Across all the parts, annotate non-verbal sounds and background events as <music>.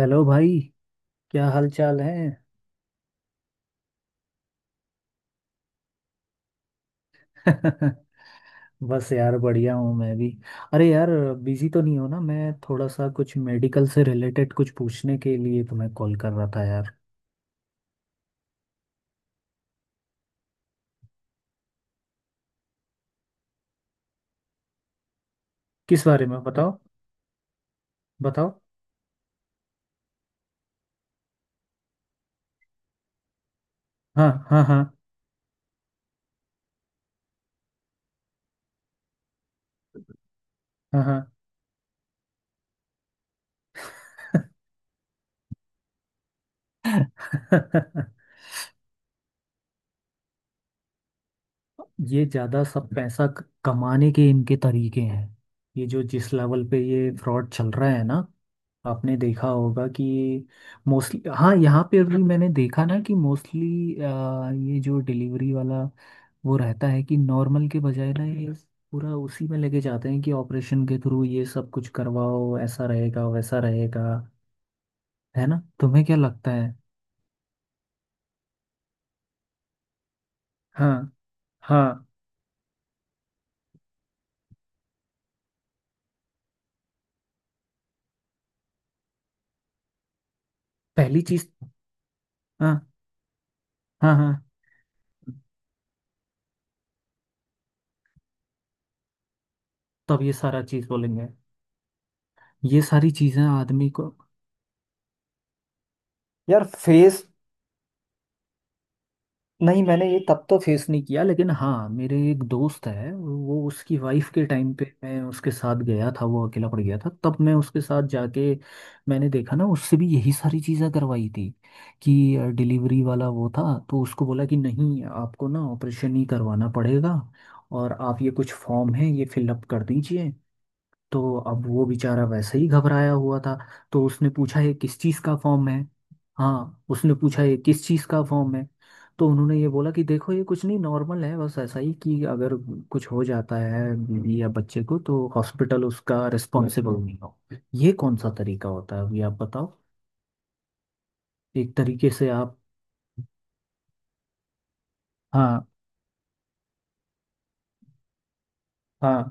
Hello भाई। क्या हाल चाल है? <laughs> बस यार, बढ़िया हूँ मैं भी। अरे यार, बिजी तो नहीं हो ना? मैं थोड़ा सा कुछ मेडिकल से रिलेटेड कुछ पूछने के लिए तुम्हें कॉल कर रहा था यार। किस बारे में बताओ? बताओ। हाँ, हाँ, हाँ, हाँ, हाँ। <laughs> ये ज़्यादा सब पैसा कमाने के इनके तरीके हैं। ये जो जिस लेवल पे ये फ्रॉड चल रहा है ना, आपने देखा होगा कि। मोस्टली हाँ, यहाँ पे भी मैंने देखा ना कि मोस्टली ये जो डिलीवरी वाला वो रहता है कि नॉर्मल के बजाय ना ये पूरा उसी में लेके जाते हैं कि ऑपरेशन के थ्रू ये सब कुछ करवाओ, ऐसा रहेगा वैसा रहेगा। है ना? तुम्हें क्या लगता है? हाँ, हाँ। पहली चीज। हाँ, हाँ, हाँ। तब ये सारा चीज बोलेंगे। ये सारी चीजें आदमी को। यार फेस? नहीं, मैंने ये तब तो फेस नहीं किया, लेकिन हाँ मेरे एक दोस्त है, वो उसकी वाइफ के टाइम पे मैं उसके साथ गया था। वो अकेला पड़ गया था तब मैं उसके साथ जाके मैंने देखा ना, उससे भी यही सारी चीजें करवाई थी। कि डिलीवरी वाला वो था, तो उसको बोला कि नहीं, आपको ना ऑपरेशन ही करवाना पड़ेगा, और आप ये कुछ फॉर्म है, ये फिलअप कर दीजिए। तो अब वो बेचारा वैसे ही घबराया हुआ था, तो उसने पूछा ये किस चीज़ का फॉर्म है? हाँ, उसने पूछा ये किस चीज़ का फॉर्म है। तो उन्होंने ये बोला कि देखो, ये कुछ नहीं नॉर्मल है, बस ऐसा ही कि अगर कुछ हो जाता है बीवी या बच्चे को, तो हॉस्पिटल उसका रिस्पॉन्सिबल नहीं हो। ये कौन सा तरीका होता है, अभी आप बताओ। एक तरीके से आप। हाँ, हाँ।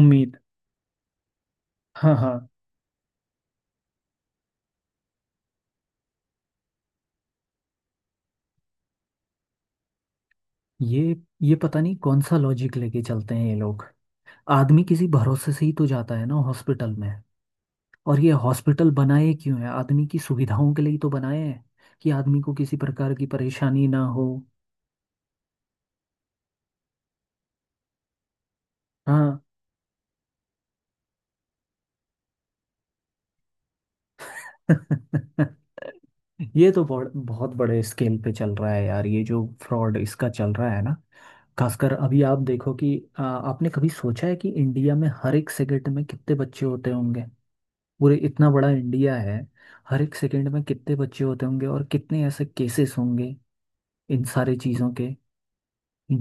उम्मीद। हाँ, हाँ। ये ये पता नहीं कौन सा लॉजिक लेके चलते हैं ये लोग। आदमी किसी भरोसे से ही तो जाता है ना हॉस्पिटल में। और ये हॉस्पिटल बनाए क्यों है? आदमी की सुविधाओं के लिए तो बनाए हैं, कि आदमी को किसी प्रकार की परेशानी ना हो। हाँ। <laughs> ये तो बहुत बहुत बड़े स्केल पे चल रहा है यार, ये जो फ्रॉड इसका चल रहा है ना। खासकर अभी आप देखो कि आपने कभी सोचा है कि इंडिया में हर एक सेकंड में कितने बच्चे होते होंगे? पूरे इतना बड़ा इंडिया है। हर एक सेकंड में कितने बच्चे होते होंगे, और कितने ऐसे केसेस होंगे इन सारे चीज़ों के,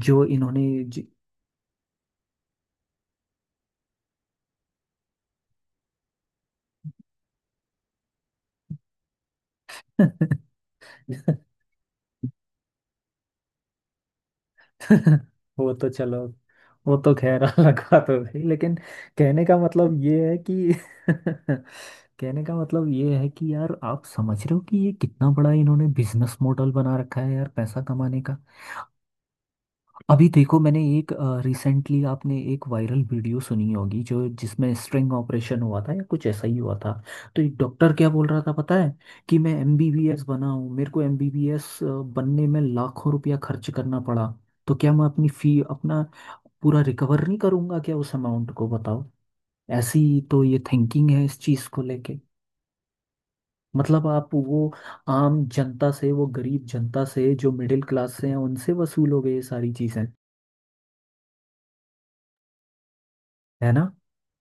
जो इन्होंने <laughs> <laughs> वो तो चलो। वो तो खैर <laughs> अलग बात हो गई, लेकिन कहने का मतलब ये है कि। <laughs> कहने का मतलब ये है कि यार, आप समझ रहे हो कि ये कितना बड़ा इन्होंने बिजनेस मॉडल बना रखा है यार, पैसा कमाने का। अभी देखो, मैंने एक रिसेंटली आपने एक वायरल वीडियो सुनी होगी जो जिसमें स्ट्रिंग ऑपरेशन हुआ था या कुछ ऐसा ही हुआ था। तो एक डॉक्टर क्या बोल रहा था पता है? कि मैं एमबीबीएस बना हूँ, मेरे को एमबीबीएस बनने में लाखों रुपया खर्च करना पड़ा। तो क्या मैं अपनी फी अपना पूरा रिकवर नहीं करूँगा क्या उस अमाउंट को? बताओ। ऐसी। तो ये थिंकिंग है इस चीज़ को लेके। मतलब आप वो आम जनता से, वो गरीब जनता से जो मिडिल क्लास से हैं, उनसे वसूलोगे ये सारी चीज़ें, है ना?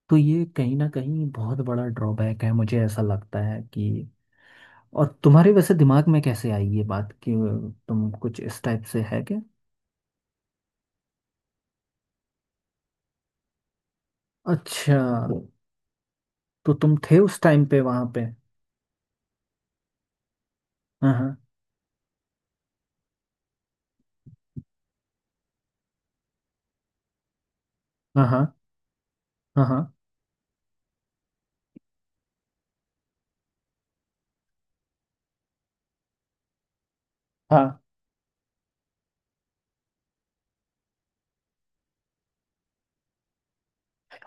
तो ये कहीं ना कहीं बहुत बड़ा ड्रॉबैक है, मुझे ऐसा लगता है कि। और तुम्हारे वैसे दिमाग में कैसे आई ये बात कि तुम कुछ इस टाइप से है क्या? अच्छा, तो तुम थे उस टाइम पे वहां पे? हाँ, हाँ, हाँ, हाँ, हाँ,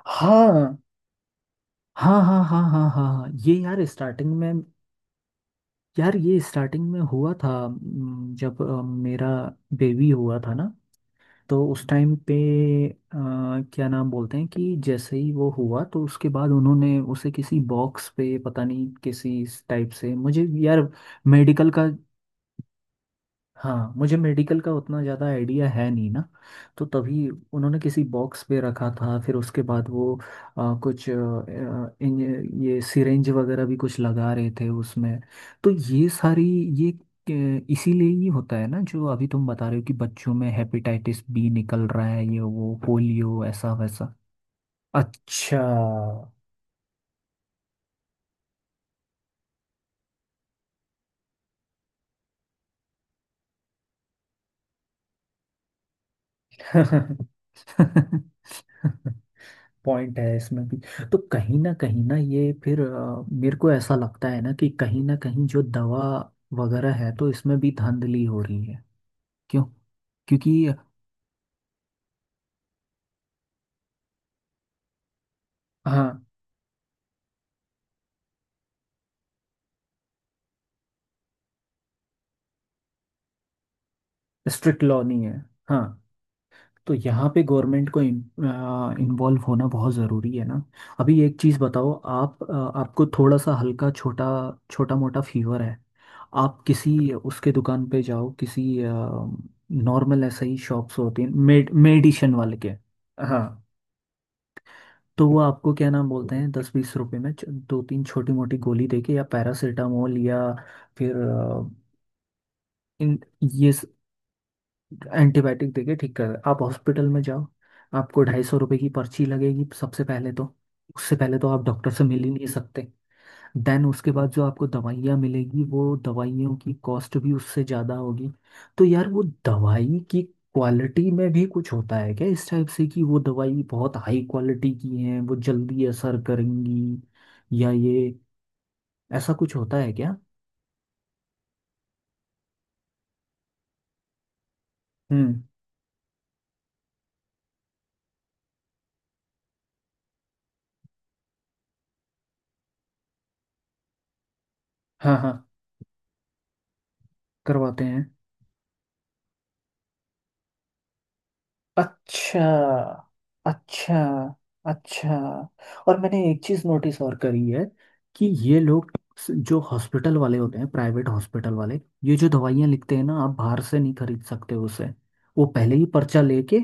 हाँ, हाँ, हाँ, हाँ, हाँ, हाँ, हाँ, हाँ। हाँ, ये यार स्टार्टिंग में। यार ये स्टार्टिंग में हुआ था, जब मेरा बेबी हुआ था ना, तो उस टाइम पे अ, क्या नाम बोलते हैं, कि जैसे ही वो हुआ, तो उसके बाद उन्होंने उसे किसी बॉक्स पे पता नहीं किसी इस टाइप से मुझे यार। मेडिकल का। हाँ, मुझे मेडिकल का उतना ज़्यादा आइडिया है नहीं ना, तो तभी उन्होंने किसी बॉक्स पे रखा था, फिर उसके बाद वो कुछ आ, आ, इन, ये सिरेंज वगैरह भी कुछ लगा रहे थे उसमें, तो ये सारी। ये इसीलिए ही होता है ना, जो अभी तुम बता रहे हो कि बच्चों में हेपेटाइटिस बी निकल रहा है, ये वो पोलियो, ऐसा वैसा। अच्छा। <laughs> <laughs> पॉइंट है इसमें भी। तो कहीं ना ये फिर मेरे को ऐसा लगता है ना कि कहीं ना कहीं जो दवा वगैरह है, तो इसमें भी धांधली हो रही है। क्यों? क्योंकि हाँ। स्ट्रिक्ट लॉ नहीं है। हाँ। तो यहाँ पे गवर्नमेंट को इन्वॉल्व होना बहुत ज़रूरी है ना। अभी एक चीज़ बताओ, आप, आपको थोड़ा सा हल्का छोटा छोटा मोटा फीवर है। आप किसी उसके दुकान पे जाओ, किसी नॉर्मल ऐसे ही शॉप्स होती हैं मेडिशन वाले के। हाँ। तो वो आपको क्या नाम बोलते हैं, 10-20 रुपए में दो तीन छोटी मोटी गोली देके, या पैरासीटामोल, या फिर इन ये स- एंटीबायोटिक देके ठीक कर। आप हॉस्पिटल में जाओ, आपको 250 रुपये की पर्ची लगेगी सबसे पहले तो। उससे पहले तो आप डॉक्टर से मिल ही नहीं सकते। देन उसके बाद जो आपको दवाइयाँ मिलेगी, वो दवाइयों की कॉस्ट भी उससे ज़्यादा होगी। तो यार, वो दवाई की क्वालिटी में भी कुछ होता है क्या, इस टाइप से कि वो दवाई बहुत हाई क्वालिटी की है, वो जल्दी असर करेंगी, या ये। ऐसा कुछ होता है क्या? हम्म। हाँ, हाँ, करवाते हैं। अच्छा। अच्छा। अच्छा। और मैंने एक चीज नोटिस और करी है। कि ये लोग जो हॉस्पिटल वाले होते हैं, प्राइवेट हॉस्पिटल वाले, ये जो दवाइयाँ लिखते हैं ना, आप बाहर से नहीं खरीद सकते उसे। वो पहले ही पर्चा लेके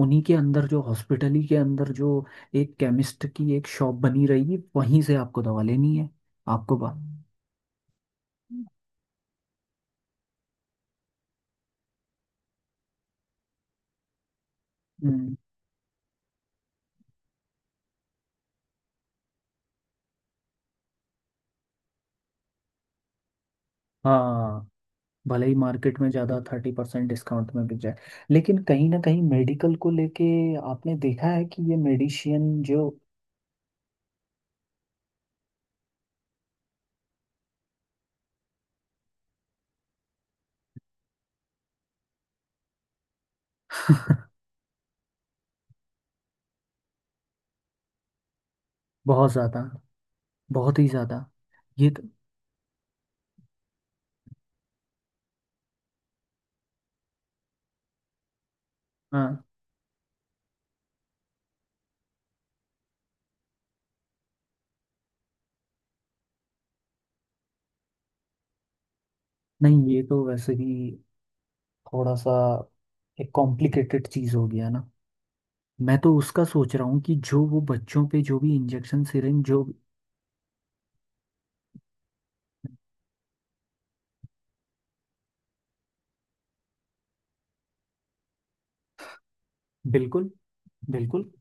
उन्हीं के अंदर, जो हॉस्पिटल ही के अंदर जो एक केमिस्ट की एक शॉप बनी रहेगी, वहीं से आपको दवा लेनी है। आपको बा हम्म। हाँ। भले ही मार्केट में ज़्यादा 30% डिस्काउंट में बिक जाए। लेकिन कहीं ना कहीं मेडिकल को लेके आपने देखा है कि ये मेडिशियन जो। <laughs> बहुत ज़्यादा, बहुत ही ज़्यादा। ये तो। हाँ। नहीं, ये तो वैसे भी थोड़ा सा एक कॉम्प्लिकेटेड चीज़ हो गया ना। मैं तो उसका सोच रहा हूँ कि जो वो बच्चों पे जो भी इंजेक्शन सिरिंज जो। बिल्कुल, बिल्कुल।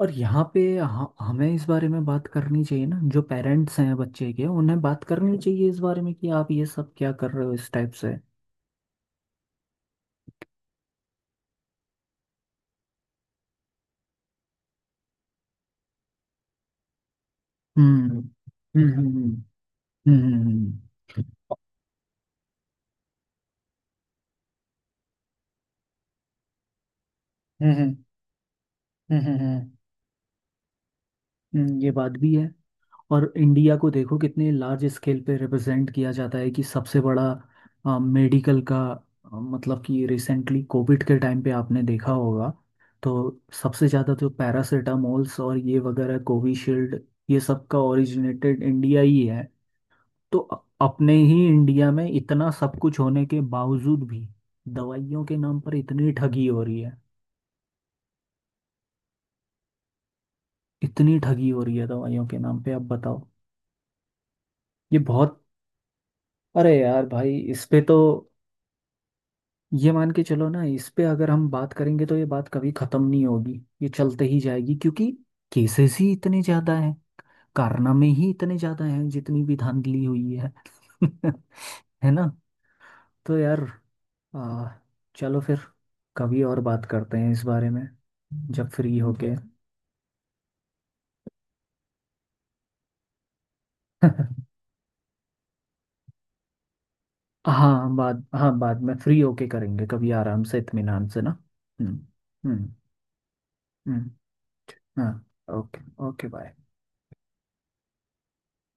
और यहाँ पे हमें इस बारे में बात करनी चाहिए ना, जो पेरेंट्स हैं बच्चे के, उन्हें बात करनी चाहिए इस बारे में, कि आप ये सब क्या कर रहे हो इस टाइप से? हम्म, हम्म, हम्म, हम्म, हम्म, हम्म, हम्म, हम्म, हम्म, हम्म, हम्म, हम्म, हम्म, हम्म, हम्म, हम्म, हम्म, हम्म, हम्म, हम्म। ये बात भी है। और इंडिया को देखो, कितने लार्ज स्केल पे रिप्रेजेंट किया जाता है कि सबसे बड़ा मेडिकल का। मतलब कि रिसेंटली कोविड के टाइम पे आपने देखा होगा। तो सबसे ज़्यादा तो पैरासिटामोल्स और ये वगैरह कोविशील्ड, ये सब का ओरिजिनेटेड इंडिया ही है। तो अपने ही इंडिया में इतना सब कुछ होने के बावजूद भी दवाइयों के नाम पर इतनी ठगी हो रही है। इतनी ठगी हो रही है दवाइयों के नाम पे, आप बताओ। ये बहुत। अरे यार भाई, इस पे तो। ये मान के चलो ना, इस पे अगर हम बात करेंगे तो ये बात कभी खत्म नहीं होगी। ये चलते ही जाएगी, क्योंकि केसेस ही इतने ज्यादा हैं, कारनामे ही इतने ज्यादा हैं, जितनी भी धांधली हुई है। <laughs> है ना। तो यार, आ, चलो फिर कभी और बात करते हैं इस बारे में, जब फ्री होके। <laughs> हाँ, बाद में फ्री होके करेंगे कभी आराम से, इत्मीनान से ना। हम्म। हम्म। हम्म, हाँ। ओके। Okay, bye.